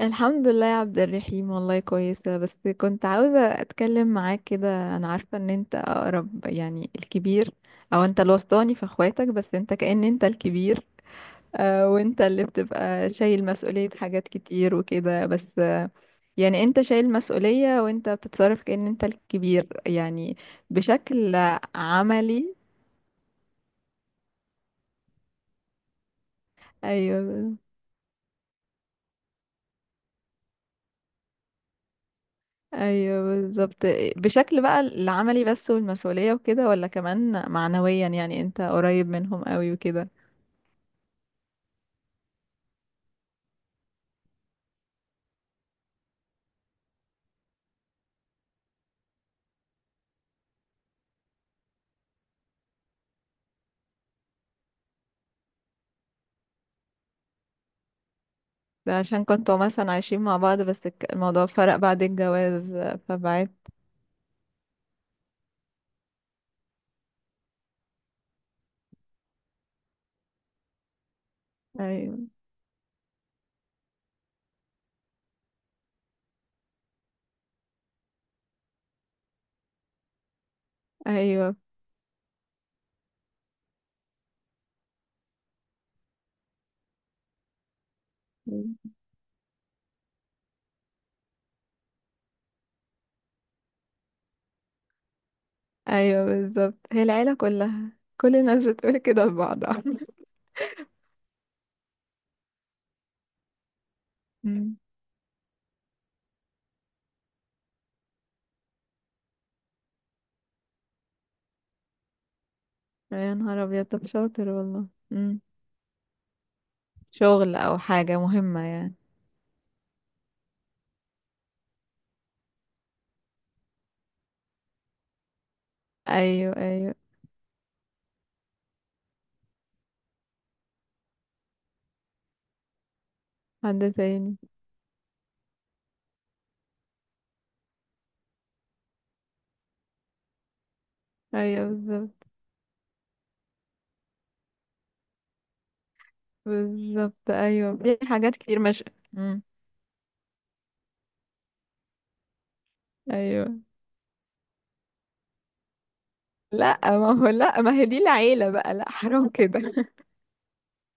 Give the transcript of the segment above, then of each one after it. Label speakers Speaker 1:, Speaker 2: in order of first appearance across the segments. Speaker 1: الحمد لله يا عبد الرحيم، والله كويسة. بس كنت عاوزة أتكلم معاك كده. أنا عارفة إن أنت أقرب، يعني الكبير، أو أنت الوسطاني في أخواتك، بس أنت كأن أنت الكبير. آه، وأنت اللي بتبقى شايل مسؤولية حاجات كتير وكده. بس يعني أنت شايل مسؤولية، وأنت بتتصرف كأن أنت الكبير يعني. بشكل عملي. أيوه. ايوه بالظبط. بشكل بقى العملي، بس والمسؤولية وكده، ولا كمان معنويا، يعني انت قريب منهم قوي وكده؟ ده عشان كنتوا مثلا عايشين مع بعض، بس الموضوع فرق بعد الجواز. فبعد. ايوه. ايوه. ايوه بالظبط، هي العيلة كلها، كل الناس بتقول كده لبعضها. أمم. يا نهار ابيض، طب شاطر والله. أمم. شغل او حاجة مهمة يعني. ايوه. ايوه. حد تاني. ايوه بالظبط. بالظبط، ايوه، في حاجات كتير. مش مم. ايوه. لا ما هو، لا ما هي دي العيله بقى، لا حرام كده.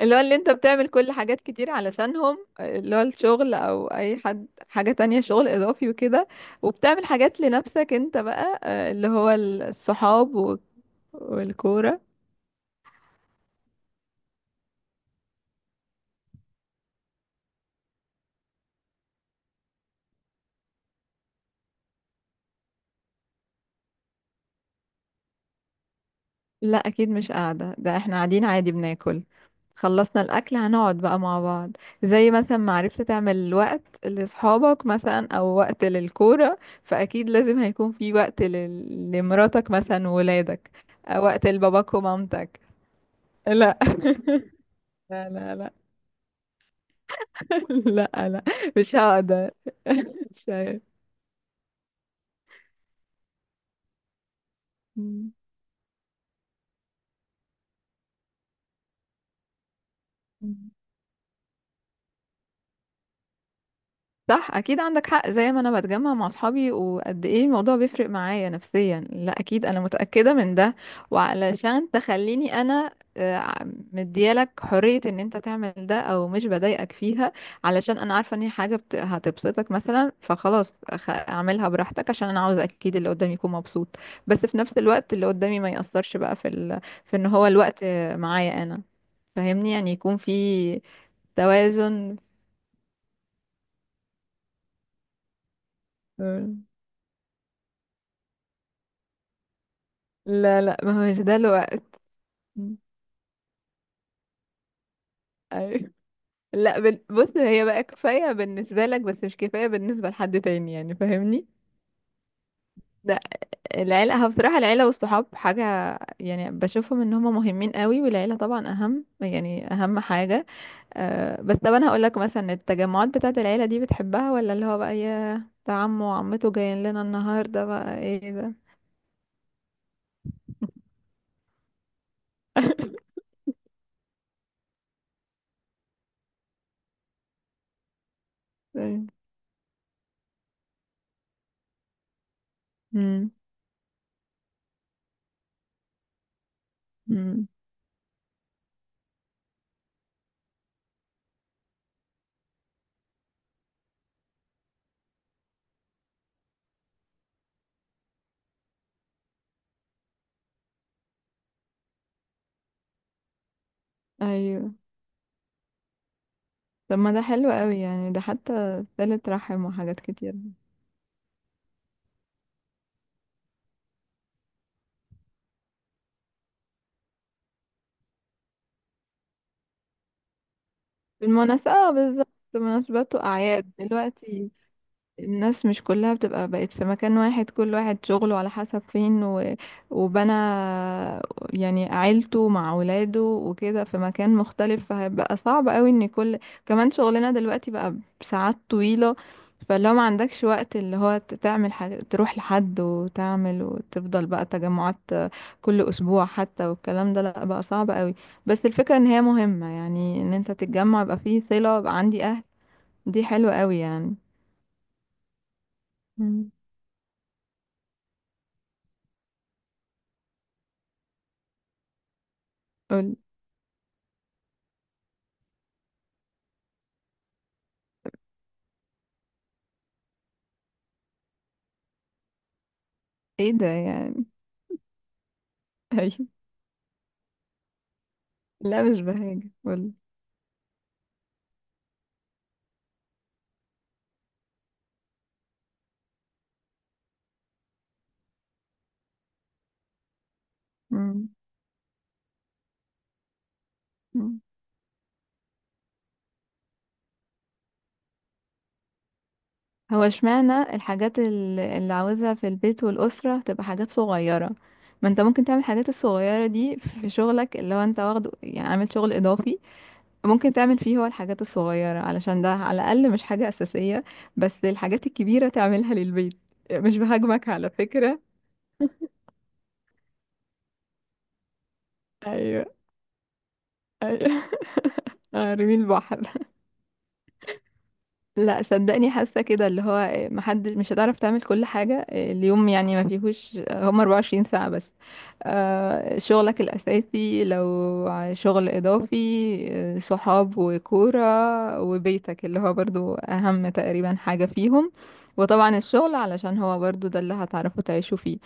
Speaker 1: اللي هو اللي انت بتعمل كل حاجات كتير علشانهم، اللي هو الشغل او اي حد، حاجه تانية، شغل اضافي وكده، وبتعمل حاجات لنفسك انت بقى، اللي هو الصحاب والكوره. لا اكيد مش قاعدة، ده احنا قاعدين عادي بناكل، خلصنا الاكل هنقعد بقى مع بعض. زي مثلا ما عرفت تعمل وقت لاصحابك مثلا او وقت للكورة، فاكيد لازم هيكون في وقت لمراتك مثلا وولادك. أو وقت لباباك ومامتك. لا. لا لا لا. لا لا. مش هقدر. مش هقدر. صح، اكيد عندك حق. زي ما انا بتجمع مع اصحابي، وقد ايه الموضوع بيفرق معايا نفسيا، لا اكيد انا متأكدة من ده. وعلشان تخليني انا، آه، مديالك حرية ان انت تعمل ده، او مش بضايقك فيها، علشان انا عارفة ان هي حاجة هتبسطك مثلا، فخلاص اعملها براحتك، عشان انا عاوز اكيد اللي قدامي يكون مبسوط. بس في نفس الوقت اللي قدامي ما يأثرش بقى في في ان هو الوقت معايا انا، فاهمني يعني، يكون في توازن. لا لا، ما هو مش ده الوقت. مم. ايوه. لا بص، هي بقى كفايه بالنسبه لك بس مش كفايه بالنسبه لحد تاني، يعني فاهمني. لا العيله، هو بصراحه العيله والصحاب حاجه، يعني بشوفهم ان هم مهمين قوي، والعيله طبعا اهم، يعني اهم حاجه. أه بس طب انا هقول لك مثلا، التجمعات بتاعه العيله دي بتحبها، ولا اللي هو بقى، يا ده عمه وعمته جايين لنا النهارده، بقى ايه ده؟ امم. امم. ايوه. طب ما ده حلو قوي يعني، ده حتى صلة رحم وحاجات كتير. بالمناسبة، اه، بالظبط، مناسبات وأعياد دلوقتي. الناس مش كلها بتبقى بقت في مكان واحد، كل واحد شغله على حسب فين و... وبنى يعني عيلته مع ولاده وكده في مكان مختلف، فهيبقى صعب قوي ان كل، كمان شغلنا دلوقتي بقى بساعات طويلة، فلو ما عندكش وقت اللي هو تعمل حاجة تروح لحد وتعمل، وتفضل بقى تجمعات كل اسبوع حتى والكلام ده، لا بقى صعب قوي. بس الفكرة ان هي مهمة، يعني ان انت تتجمع يبقى فيه صلة، يبقى عندي اهل، دي حلوة قوي يعني. مم. قولي. ايه ده يعني؟ ايوه. لا مش بهاجة، قولي. مم. مم. هو اشمعنى الحاجات اللي عاوزها في البيت والأسرة تبقى حاجات صغيرة؟ ما انت ممكن تعمل الحاجات الصغيرة دي في شغلك، اللي هو انت واخده يعني عامل شغل إضافي، ممكن تعمل فيه هو الحاجات الصغيرة، علشان ده على الأقل مش حاجة أساسية، بس الحاجات الكبيرة تعملها للبيت. مش بهاجمك على فكرة. ايوه. ايوه. رمي البحر. لا صدقني، حاسه كده اللي هو محدش مش هتعرف تعمل كل حاجه اليوم، يعني ما فيهوش هم 24 ساعه بس. شغلك الاساسي، لو شغل اضافي، صحاب وكوره وبيتك اللي هو برضو اهم تقريبا حاجه فيهم، وطبعا الشغل علشان هو برضو ده اللي هتعرفوا تعيشوا فيه.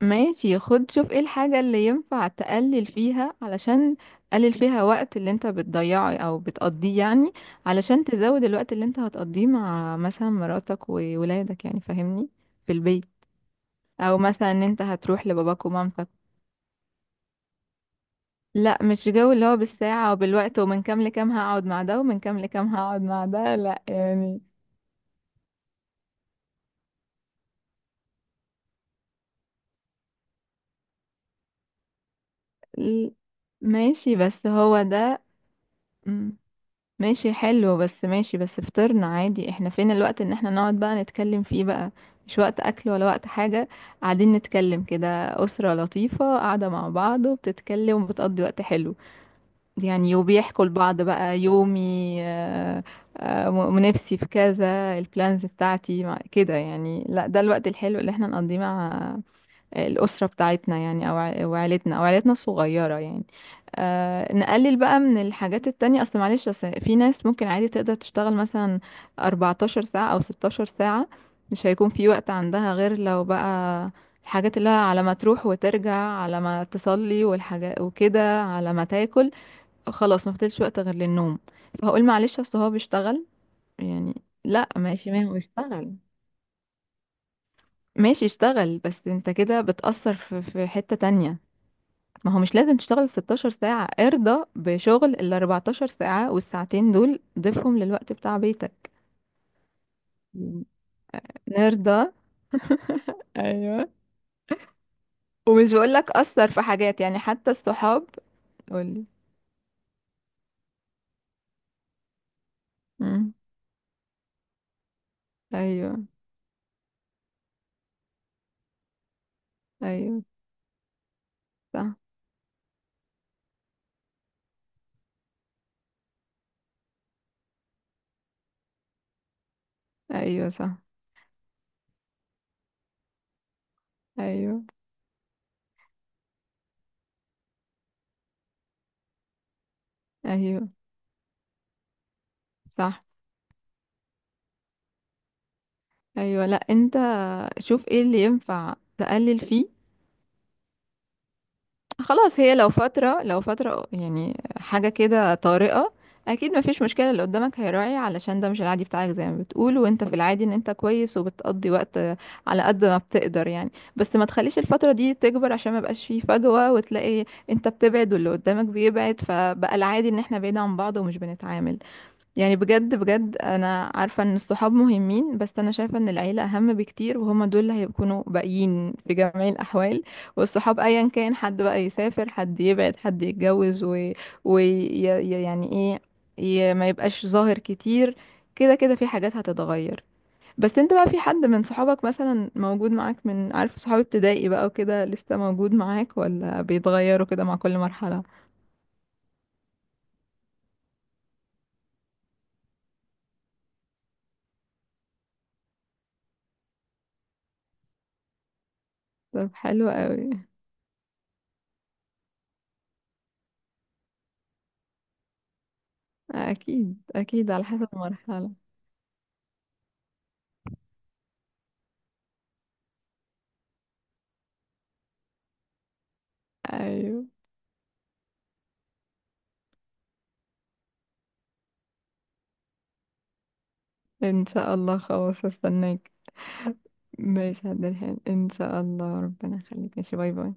Speaker 1: ماشي، خد شوف ايه الحاجة اللي ينفع تقلل فيها، علشان تقلل فيها وقت اللي انت بتضيعه او بتقضيه يعني، علشان تزود الوقت اللي انت هتقضيه مع مثلا مراتك وولادك، يعني فاهمني، في البيت، او مثلا ان انت هتروح لباباك ومامتك. لا مش جو اللي هو بالساعة وبالوقت، ومن كام لكام هقعد مع ده، ومن كام لكام هقعد مع ده، لا يعني. ال- ماشي، بس هو ده. امم. ماشي حلو. بس ماشي، بس فطرنا عادي، احنا فين الوقت ان احنا نقعد بقى نتكلم فيه بقى؟ مش وقت اكل ولا وقت حاجة، قاعدين نتكلم كده، اسرة لطيفة قاعدة مع بعض وبتتكلم وبتقضي وقت حلو يعني، وبيحكوا لبعض بقى يومي نفسي في كذا البلانز بتاعتي، كده يعني. لا ده الوقت الحلو اللي احنا نقضيه مع الأسرة بتاعتنا يعني، أو أو عيلتنا، الصغيرة يعني. آه نقلل بقى من الحاجات التانية، أصل معلش، أصل في ناس ممكن عادي تقدر تشتغل مثلا 14 ساعة أو 16 ساعة، مش هيكون في وقت عندها غير لو بقى الحاجات اللي هي على ما تروح وترجع، على ما تصلي والحاجات وكده، على ما تاكل، خلاص ما فضلش وقت غير للنوم، فهقول معلش أصل هو بيشتغل يعني. لا ماشي، ما هو يشتغل، ماشي اشتغل، بس انت كده بتأثر في حتة تانية. ما هو مش لازم تشتغل 16 ساعة، ارضى بشغل ال 14 ساعة، والساعتين دول ضيفهم للوقت بتاع بيتك. مم. نرضى. ايوه. ومش بقولك أثر في حاجات يعني، حتى الصحاب. قولي. مم. أيوه. أيوه صح. أيوه صح. أيوه. أيوه صح. أيوه. لأ، أنت شوف ايه اللي ينفع تقلل فيه. خلاص، هي لو فترة، يعني حاجة كده طارئة، أكيد مفيش مشكلة، اللي قدامك هيراعي علشان ده مش العادي بتاعك زي ما بتقول، وانت في العادي ان انت كويس وبتقضي وقت على قد ما بتقدر يعني. بس ما تخليش الفترة دي تكبر، عشان ما يبقاش فيه فجوة وتلاقي انت بتبعد واللي قدامك بيبعد، فبقى العادي ان احنا بعيد عن بعض ومش بنتعامل. يعني بجد بجد، انا عارفة ان الصحاب مهمين، بس انا شايفة ان العيلة اهم بكتير، وهما دول اللي هيكونوا باقيين في جميع الاحوال. والصحاب ايا كان، حد بقى يسافر، حد يبعد، حد يتجوز، و... و... يعني ايه، ي... ما يبقاش ظاهر كتير. كده كده في حاجات هتتغير. بس انت بقى في حد من صحابك مثلا موجود معاك، من عارف، صحاب ابتدائي بقى وكده لسه موجود معاك، ولا بيتغيروا كده مع كل مرحلة؟ طب حلو قوي. اكيد اكيد على حسب المرحلة. ايوه. ان شاء الله، خلاص استناك. ماشي عبد الحليم، ان شاء الله، ربنا يخليك، ماشي، باي باي.